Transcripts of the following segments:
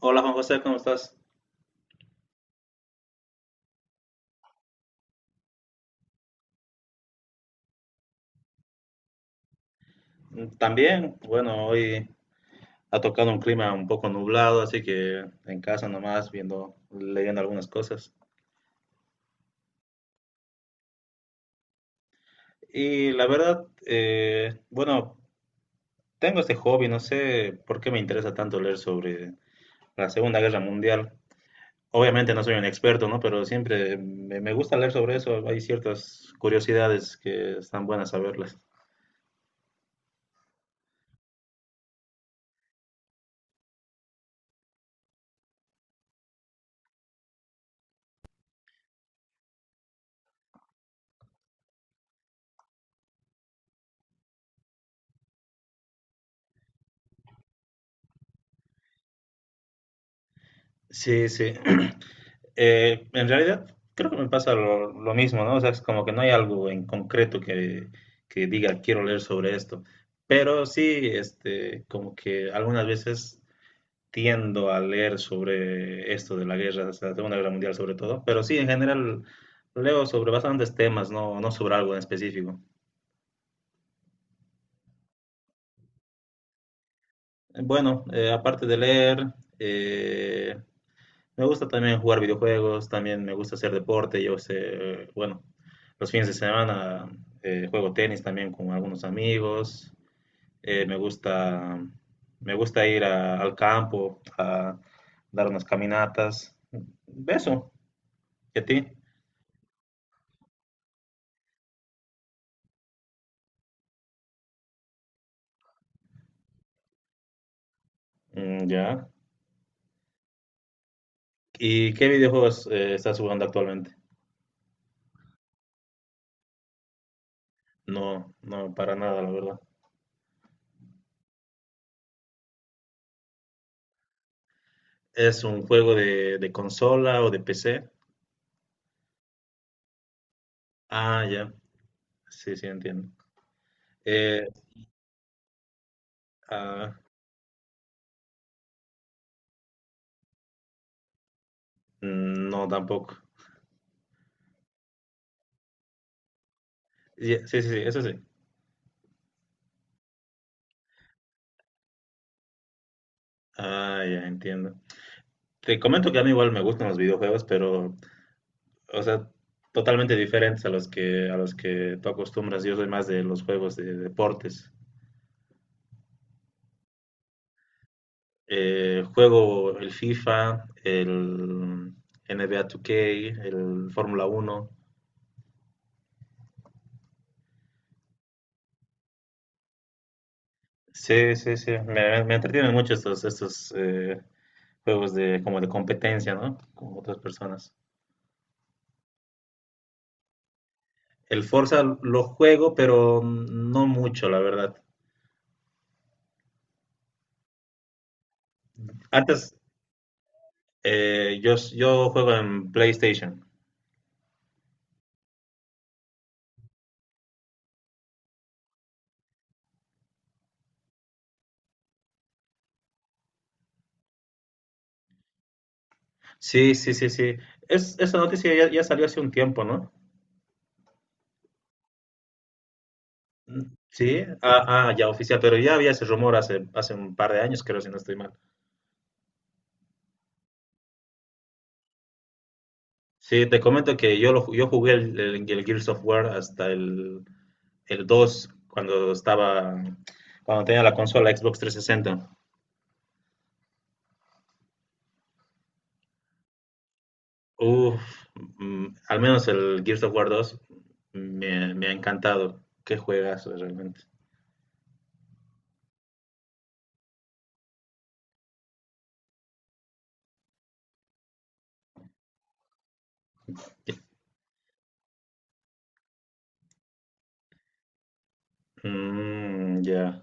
Hola Juan José, ¿cómo estás? Mm, también, bueno, hoy ha tocado un clima un poco nublado, así que en casa nomás viendo, leyendo algunas cosas. Y la verdad, bueno, tengo este hobby, no sé por qué me interesa tanto leer sobre la Segunda Guerra Mundial. Obviamente no soy un experto, ¿no? Pero siempre me gusta leer sobre eso, hay ciertas curiosidades que están buenas saberlas. Sí, sí. En realidad, creo que me pasa lo mismo, ¿no? O sea, es como que no hay algo en concreto que diga quiero leer sobre esto. Pero sí, este, como que algunas veces tiendo a leer sobre esto de la guerra, o sea, la Segunda Guerra Mundial sobre todo. Pero sí, en general leo sobre bastantes temas, no, no sobre algo en específico. Bueno, aparte de leer, eh, me gusta también jugar videojuegos, también me gusta hacer deporte. Yo sé, bueno, los fines de semana juego tenis también con algunos amigos. Eh, me gusta, me gusta ir al campo a dar unas caminatas. Beso, ¿y a ti? Mm, ya. ¿Y qué videojuegos estás jugando actualmente? No, no, para nada, la verdad. ¿Es un juego de consola o de PC? Ah, ya. Sí, sí, entiendo. Eh, ah, Mm, no, tampoco. Sí, sí, sí, eso sí. Ah, ya entiendo. Te comento que a mí igual me gustan los videojuegos, pero, o sea, totalmente diferentes a los que tú acostumbras. Yo soy más de los juegos de deportes. Juego el FIFA, el NBA 2K, el Fórmula Uno. Sí, sí, sí. Me entretienen mucho estos juegos de, como de competencia, ¿no? Con otras personas. El Forza lo juego, pero no mucho, la verdad. Antes, yo juego en PlayStation. Sí, sí, sí, sí. Esa noticia ya salió hace un tiempo, ¿no? Mm, sí, ya oficial, pero ya había ese rumor hace un par de años, creo, si no estoy mal. Sí, te comento que yo jugué el Gears of War hasta el 2 cuando estaba, cuando tenía la consola Xbox 360. Uf, mm, al menos el Gears of War 2 me ha encantado. Qué juegazo, realmente. Mm, ya.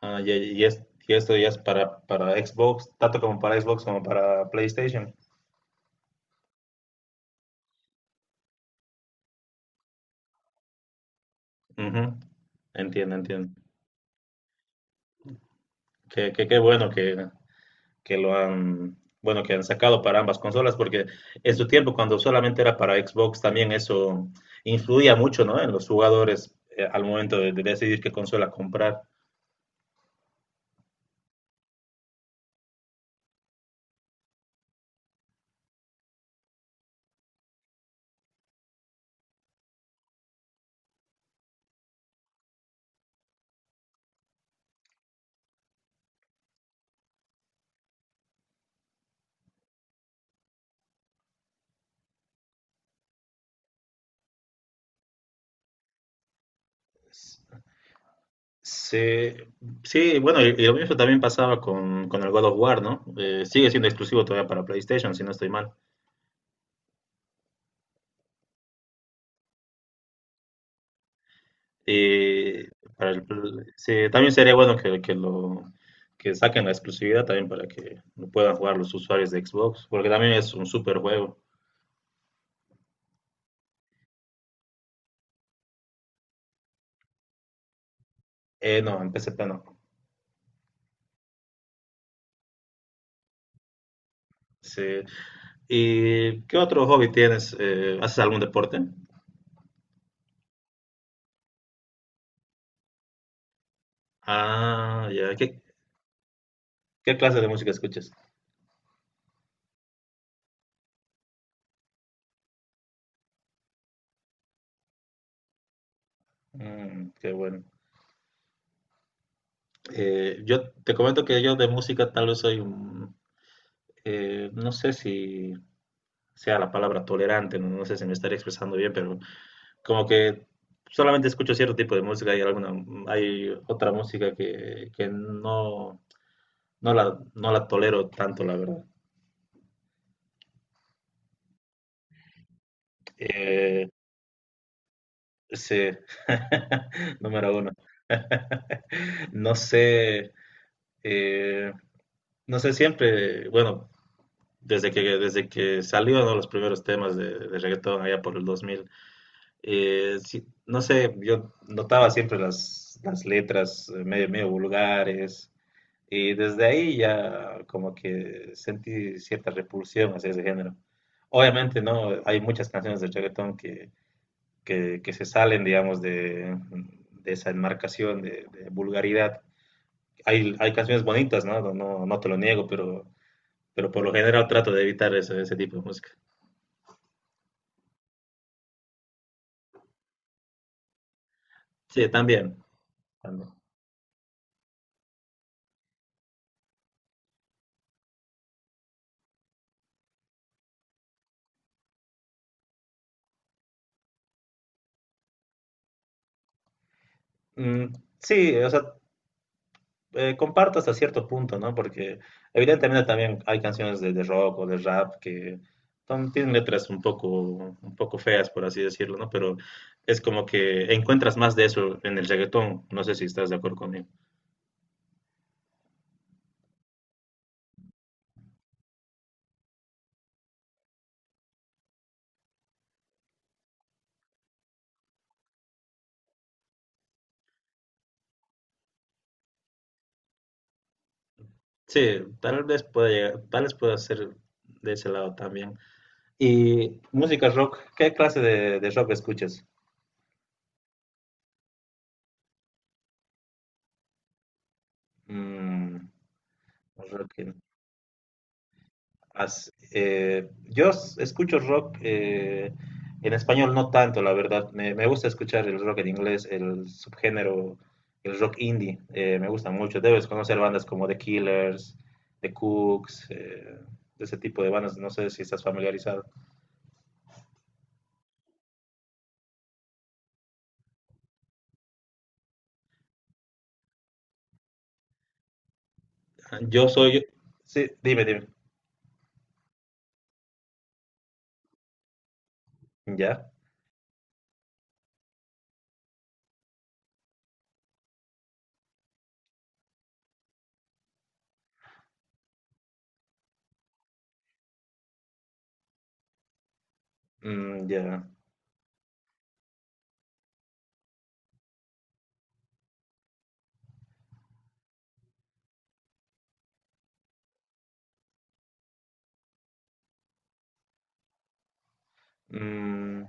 Ah, ya, y, y esto ya es para Xbox, tanto como para Xbox como para PlayStation. Ujú. Entiendo, entiendo. Qué bueno que lo han, bueno, que han sacado para ambas consolas, porque en su tiempo, cuando solamente era para Xbox, también eso influía mucho, ¿no? En los jugadores, al momento de decidir qué consola comprar. Sí, sí, bueno, y lo mismo también pasaba con el God of War, ¿no? Sigue siendo exclusivo todavía para PlayStation, si no estoy mal. Y sí, también sería bueno que saquen la exclusividad también para que lo puedan jugar los usuarios de Xbox, porque también es un super juego. No, en PSP no. Sí. ¿Y qué otro hobby tienes? ¿Haces algún deporte? Ah, ya. ¿Qué clase de música escuchas? Mm, qué bueno. Yo te comento que yo de música tal vez soy un, no sé si sea la palabra tolerante, no, no sé si me estaré expresando bien, pero como que solamente escucho cierto tipo de música y alguna, hay otra música que no, no la tolero tanto, la verdad. Eh, sí, número uno. No sé, eh, no sé siempre, bueno, desde que salió no los primeros temas de reggaetón allá por el 2000. Sí, no sé, yo notaba siempre las letras eh, medio vulgares, y desde ahí ya como que sentí cierta repulsión hacia ese género. Obviamente, ¿no? Hay muchas canciones de reggaetón que se salen, digamos, de esa enmarcación de vulgaridad. Hay canciones bonitas, ¿no? No te lo niego, pero por lo general trato de evitar ese, ese tipo de música. Sí, también. También. Mm, sí, o sea, comparto hasta cierto punto, ¿no? Porque evidentemente también hay canciones de rock o de rap que tienen letras un poco feas, por así decirlo, ¿no? Pero es como que encuentras más de eso en el reggaetón. No sé si estás de acuerdo conmigo. Sí, tal vez pueda llegar, tal vez pueda ser de ese lado también. Y música rock, ¿qué clase de rock escuchas? Mm, rock. Yo escucho rock en español no tanto, la verdad. Me gusta escuchar el rock en inglés, el subgénero, el rock indie. Eh, me gusta mucho. Debes conocer bandas como The Killers, The Cooks, ese tipo de bandas. No sé si estás familiarizado. Yo soy... Sí, dime, dime. Ya, ya. Mm,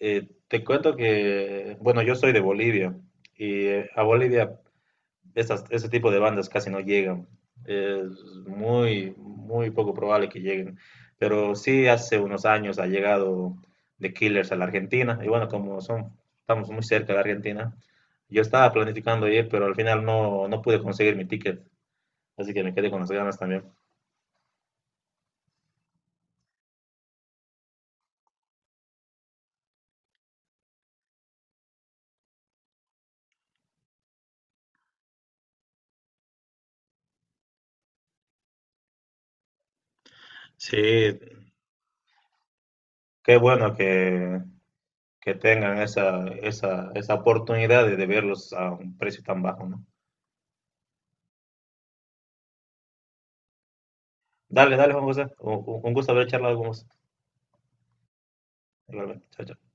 te cuento que, bueno, yo soy de Bolivia y a Bolivia ese tipo de bandas casi no llegan. Es muy, muy poco probable que lleguen. Pero sí, hace unos años ha llegado The Killers a la Argentina. Y bueno, como son, estamos muy cerca de la Argentina, yo estaba planificando ir, pero al final no, no pude conseguir mi ticket. Así que me quedé con las ganas también. Sí, qué bueno que tengan esa oportunidad de verlos a un precio tan bajo, ¿no? Dale, dale, Juan José. Un gusto haber charlado con vos. Igualmente. Chao, chao.